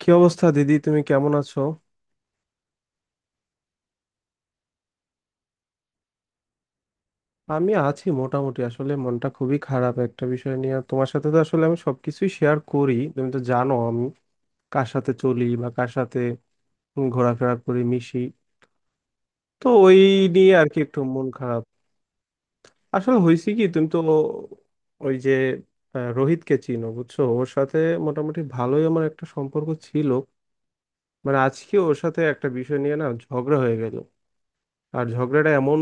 কি অবস্থা দিদি? তুমি কেমন আছো? আমি আছি মোটামুটি। আসলে মনটা খুবই খারাপ একটা বিষয় নিয়ে, আর তোমার সাথে তো আসলে আমি সবকিছুই শেয়ার করি, তুমি তো জানো আমি কার সাথে চলি বা কার সাথে ঘোরাফেরা করি, মিশি। তো ওই নিয়ে আর কি একটু মন খারাপ। আসলে হয়েছে কি, তুমি তো ওই যে রোহিতকে চিনো, বুঝছো? ওর সাথে মোটামুটি ভালোই আমার একটা সম্পর্ক ছিল। মানে আজকে ওর সাথে একটা বিষয় নিয়ে না ঝগড়া হয়ে গেল। আর ঝগড়াটা এমন,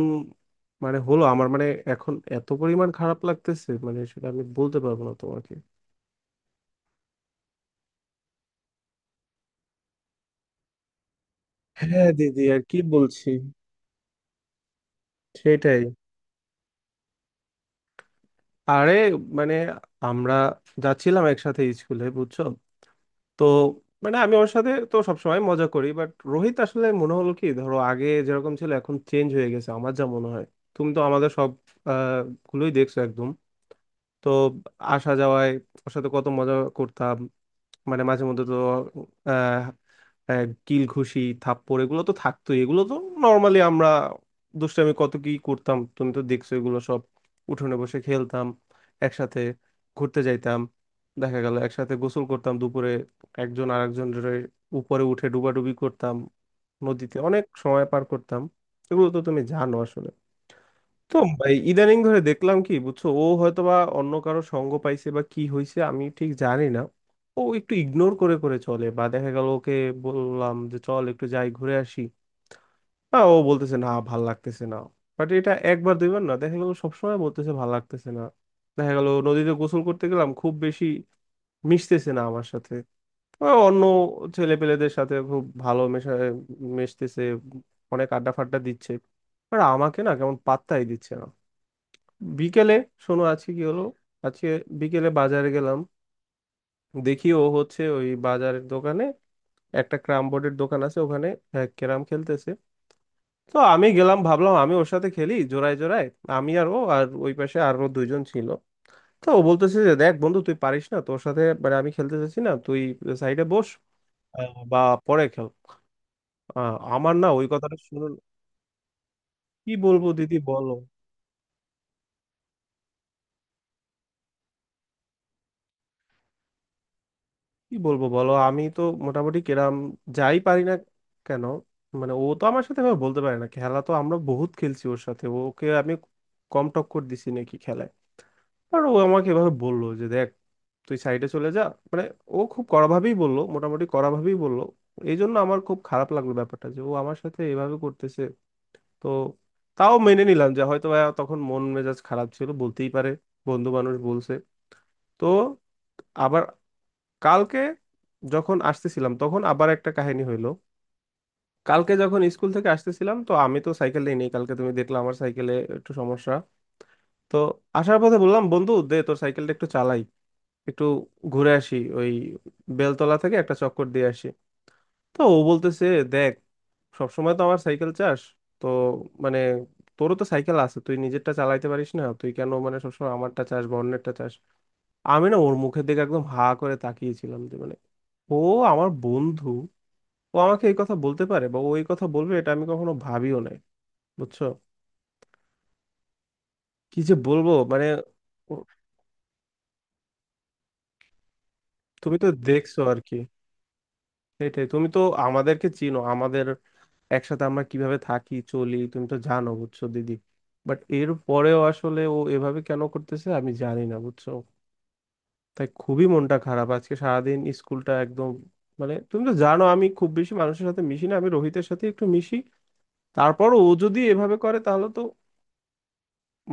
মানে হলো আমার মানে এখন এত পরিমাণ খারাপ লাগতেছে, মানে সেটা আমি বলতে পারবো না তোমাকে। হ্যাঁ দিদি, আর কি বলছি, সেটাই। আরে মানে আমরা যাচ্ছিলাম একসাথে স্কুলে, বুঝছো? তো মানে আমি ওর সাথে তো সবসময় মজা করি, বাট রোহিত আসলে মনে হলো কি, ধরো আগে যেরকম ছিল এখন চেঞ্জ হয়ে গেছে, আমার যা মনে হয়। তুমি তো আমাদের সব আহ, গুলোই দেখছো একদম। তো আসা যাওয়ায় ওর সাথে কত মজা করতাম। মানে মাঝে মধ্যে তো কিল ঘুষি থাপ্পড় এগুলো তো থাকতোই, এগুলো তো নর্মালি আমরা দুষ্টামি কত কি করতাম, তুমি তো দেখছো এগুলো সব। উঠোনে বসে খেলতাম একসাথে, ঘুরতে যাইতাম, দেখা গেল একসাথে গোসল করতাম দুপুরে, একজন আরেকজনের উপরে উঠে ডুবাডুবি করতাম, নদীতে অনেক সময় পার করতাম, এগুলো তো তুমি জানো আসলে। তো ভাই ইদানিং ধরে দেখলাম কি বুঝছো, ও হয়তো বা অন্য কারো সঙ্গ পাইছে বা কি হয়েছে আমি ঠিক জানি না। ও একটু ইগনোর করে করে চলে। বা দেখা গেল ওকে বললাম যে চল একটু যাই ঘুরে আসি, হ্যাঁ ও বলতেছে না ভাল লাগতেছে না। বাট এটা একবার দুইবার না, দেখা গেল সবসময় বলতেছে ভাল লাগতেছে না। দেখা গেল নদীতে গোসল করতে গেলাম, খুব বেশি মিশতেছে না আমার সাথে। ও অন্য ছেলে পেলেদের সাথে খুব ভালো মেশা মিশতেছে, অনেক আড্ডা ফাড্ডা দিচ্ছে, আর আমাকে না কেমন পাত্তাই দিচ্ছে না। বিকেলে, শোনো আজকে কি হলো, আজকে বিকেলে বাজারে গেলাম, দেখি ও হচ্ছে ওই বাজারের দোকানে, একটা ক্যারাম বোর্ডের দোকান আছে ওখানে, হ্যাঁ, ক্যারাম খেলতেছে। তো আমি গেলাম, ভাবলাম আমি ওর সাথে খেলি জোড়ায় জোড়ায়, আমি আর ও আর ওই পাশে আরো দুইজন ছিল। তো ও বলতেছে যে, দেখ বন্ধু তুই পারিস না, তোর সাথে মানে আমি খেলতে চাচ্ছি না, তুই সাইডে বস বা পরে খেল। আমার না ওই কথাটা শুনুন, কি বলবো দিদি বলো। কি বলবো বলো, আমি তো মোটামুটি কেরাম যাই পারি না কেন, মানে ও তো আমার সাথে এভাবে বলতে পারে না, খেলা তো আমরা বহুত খেলছি ওর সাথে, ওকে আমি কম টক্কর দিছি নাকি খেলায়। আর ও আমাকে এভাবে বললো যে দেখ তুই সাইডে চলে যা। মানে ও খুব কড়াভাবেই বললো, মোটামুটি কড়াভাবেই বললো। এই জন্য আমার খুব খারাপ লাগলো ব্যাপারটা যে ও আমার সাথে এভাবে করতেছে। তো তাও মেনে নিলাম, যে হয়তো বা তখন মন মেজাজ খারাপ ছিল বলতেই পারে, বন্ধু মানুষ বলছে। তো আবার কালকে যখন আসতেছিলাম তখন আবার একটা কাহিনী হইলো। কালকে যখন স্কুল থেকে আসতেছিলাম, তো আমি তো সাইকেল নিয়ে নেই, কালকে তুমি দেখলে আমার সাইকেলে একটু সমস্যা। তো আসার পথে বললাম বন্ধু দে তোর সাইকেলটা একটু চালাই, একটু ঘুরে আসি ওই বেলতলা থেকে একটা চক্কর দিয়ে আসি। তো ও বলতেছে, দেখ সবসময় তো আমার সাইকেল চাস, তো মানে তোরও তো সাইকেল আছে, তুই নিজেরটা চালাইতে পারিস না, তুই কেন মানে সবসময় আমারটা চাস বা অন্যেরটা চাস। আমি না ওর মুখের দিকে একদম হা করে তাকিয়েছিলাম, যে মানে ও আমার বন্ধু, ও আমাকে এই কথা বলতে পারে বা ও এই কথা বলবে, এটা আমি কখনো ভাবিও নাই, বুঝছো? কি যে বলবো মানে। ও- তুমি তো দেখছো আর কি, সেটাই, তুমি তো আমাদেরকে চিনো, আমাদের একসাথে আমরা কিভাবে থাকি চলি তুমি তো জানো, বুঝছো দিদি। বাট এর পরেও আসলে ও এভাবে কেন করতেছে আমি জানি না, বুঝছো। তাই খুবই মনটা খারাপ, আজকে সারাদিন স্কুলটা একদম। মানে তুমি তো জানো আমি খুব বেশি মানুষের সাথে মিশি না, আমি রোহিতের সাথে একটু মিশি, তারপর ও যদি এভাবে করে তাহলে তো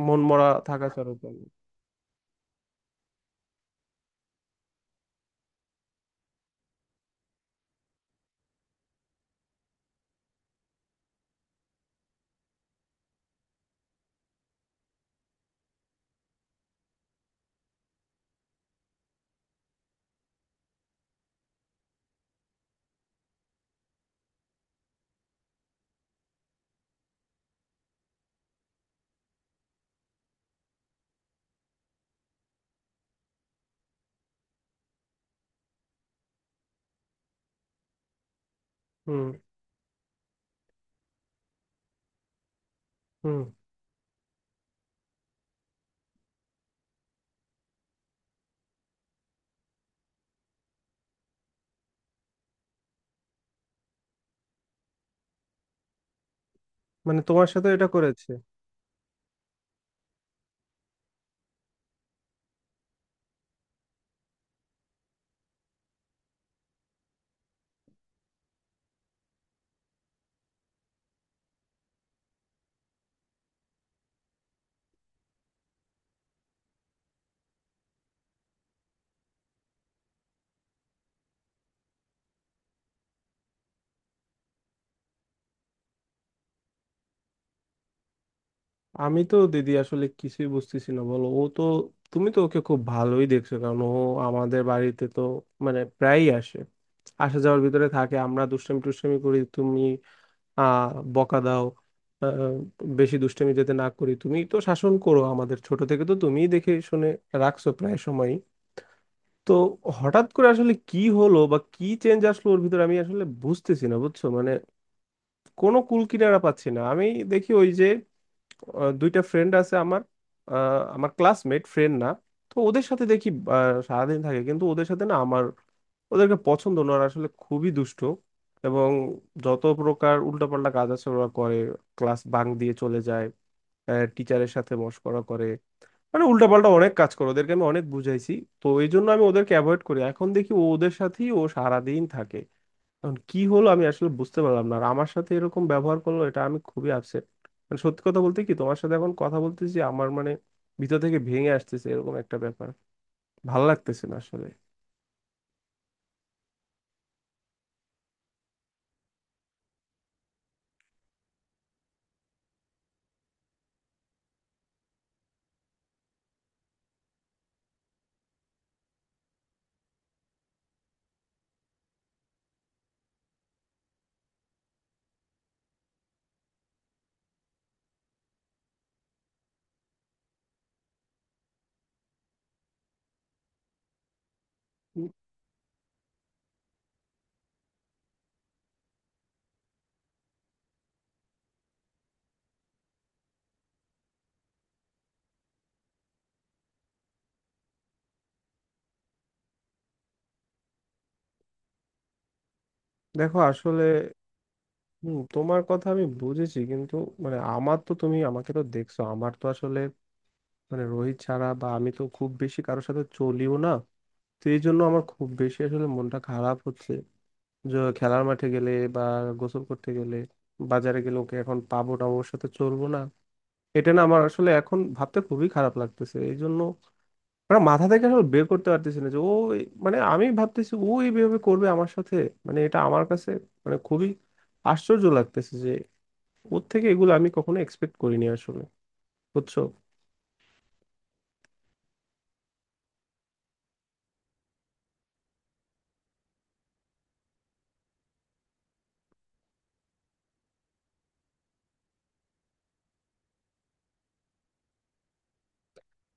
মন মরা থাকা ছাড়া উপায় নেই। হুম। হুম। মানে তোমার সাথে এটা করেছে? আমি তো দিদি আসলে কিছুই বুঝতেছি না বলো, ও তো, তুমি তো ওকে খুব ভালোই দেখছো, কারণ ও আমাদের বাড়িতে তো মানে প্রায়ই আসে, আসা যাওয়ার ভিতরে থাকে, আমরা দুষ্টামি টুষ্টামি করি, তুমি আহ বকা দাও আহ, বেশি দুষ্টামি যাতে না করি, তুমি তো শাসন করো আমাদের, ছোট থেকে তো তুমিই দেখে শুনে রাখছো প্রায় সময়ই। তো হঠাৎ করে আসলে কি হলো বা কি চেঞ্জ আসলো ওর ভিতরে, আমি আসলে বুঝতেছি না বুঝছো, মানে কোনো কুল কিনারা পাচ্ছি না আমি। দেখি ওই যে দুইটা ফ্রেন্ড আছে আমার, আমার ক্লাসমেট ফ্রেন্ড না, তো ওদের সাথে দেখি সারাদিন থাকে। কিন্তু ওদের সাথে না আমার ওদেরকে পছন্দ না, ওরা আসলে খুবই দুষ্ট এবং যত প্রকার উল্টাপাল্টা কাজ আছে ওরা করে, ক্লাস বাং দিয়ে চলে যায়, টিচারের সাথে মশকরা করে, মানে উল্টাপাল্টা অনেক কাজ করে, ওদেরকে আমি অনেক বুঝাইছি। তো এই জন্য আমি ওদেরকে অ্যাভয়েড করি, এখন দেখি ও ওদের সাথেই ও সারাদিন থাকে। এখন কি হলো আমি আসলে বুঝতে পারলাম না, আর আমার সাথে এরকম ব্যবহার করলো, এটা আমি খুবই আপসেট। মানে সত্যি কথা বলতে কি, তোমার সাথে এখন কথা বলতেছি, আমার মানে ভিতর থেকে ভেঙে আসতেছে এরকম একটা ব্যাপার, ভাল লাগতেছে না আসলে। উম, দেখো আসলে হম, তোমার কথা আমি বুঝেছি কিন্তু মানে আমার তো, তুমি আমাকে তো দেখছো, আমার তো আসলে মানে রোহিত ছাড়া বা আমি তো খুব বেশি কারোর সাথে চলিও না। তো এই জন্য আমার খুব বেশি আসলে মনটা খারাপ হচ্ছে, যে খেলার মাঠে গেলে বা গোসল করতে গেলে বাজারে গেলে ওকে এখন পাবো না, ওর সাথে চলবো না, এটা না আমার আসলে এখন ভাবতে খুবই খারাপ লাগতেছে। এই জন্য মানে মাথা থেকে আসলে বের করতে পারতেছি না, যে ও মানে আমি ভাবতেছি ও এইভাবে করবে আমার সাথে! মানে এটা আমার কাছে মানে খুবই আশ্চর্য লাগতেছে, যে ওর থেকে এগুলো আমি কখনো এক্সপেক্ট করিনি আসলে, বুঝছো।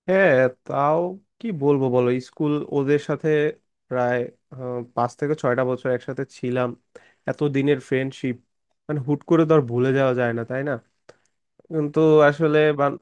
হ্যাঁ। তাও কি বলবো বলো, স্কুল ওদের সাথে প্রায় পাঁচ থেকে ছয়টা বছর একসাথে ছিলাম, এত দিনের ফ্রেন্ডশিপ, মানে হুট করে তো আর ভুলে যাওয়া যায় না তাই না। তো আসলে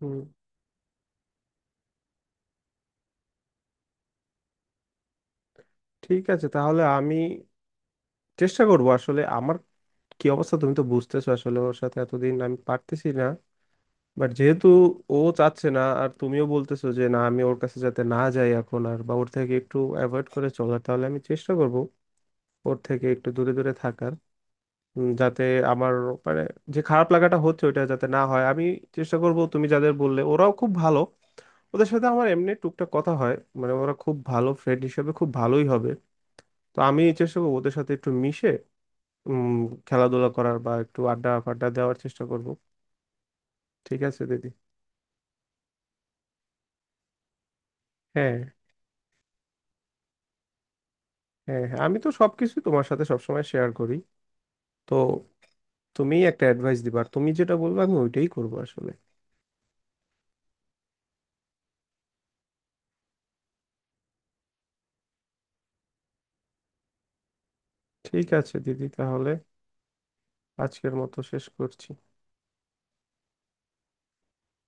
হুম, ঠিক আছে তাহলে আমি চেষ্টা করব আসলে। আমার কি অবস্থা তুমি তো বুঝতেছো, আসলে ওর সাথে এতদিন, আমি পারতেছি না। বাট যেহেতু ও চাচ্ছে না, আর তুমিও বলতেছো যে না আমি ওর কাছে যাতে না যাই এখন আর, বা ওর থেকে একটু অ্যাভয়েড করে চলার, তাহলে আমি চেষ্টা করব ওর থেকে একটু দূরে দূরে থাকার, যাতে আমার মানে যে খারাপ লাগাটা হচ্ছে ওইটা যাতে না হয়। আমি চেষ্টা করব, তুমি যাদের বললে ওরাও খুব ভালো, ওদের সাথে আমার এমনি টুকটাক কথা হয়, মানে ওরা খুব ভালো ফ্রেন্ড হিসেবে খুব ভালোই হবে। তো আমি চেষ্টা করবো ওদের সাথে একটু মিশে উম খেলাধুলা করার বা একটু আড্ডা ফাড্ডা দেওয়ার চেষ্টা করব। ঠিক আছে দিদি। হ্যাঁ। হ্যাঁ। হ্যাঁ আমি তো সবকিছু তোমার সাথে সবসময় শেয়ার করি। তো তুমি একটা অ্যাডভাইস দিবা আর তুমি যেটা বলবে আমি ওইটাই করবো আসলে। ঠিক আছে দিদি, তাহলে আজকের মতো শেষ করছি।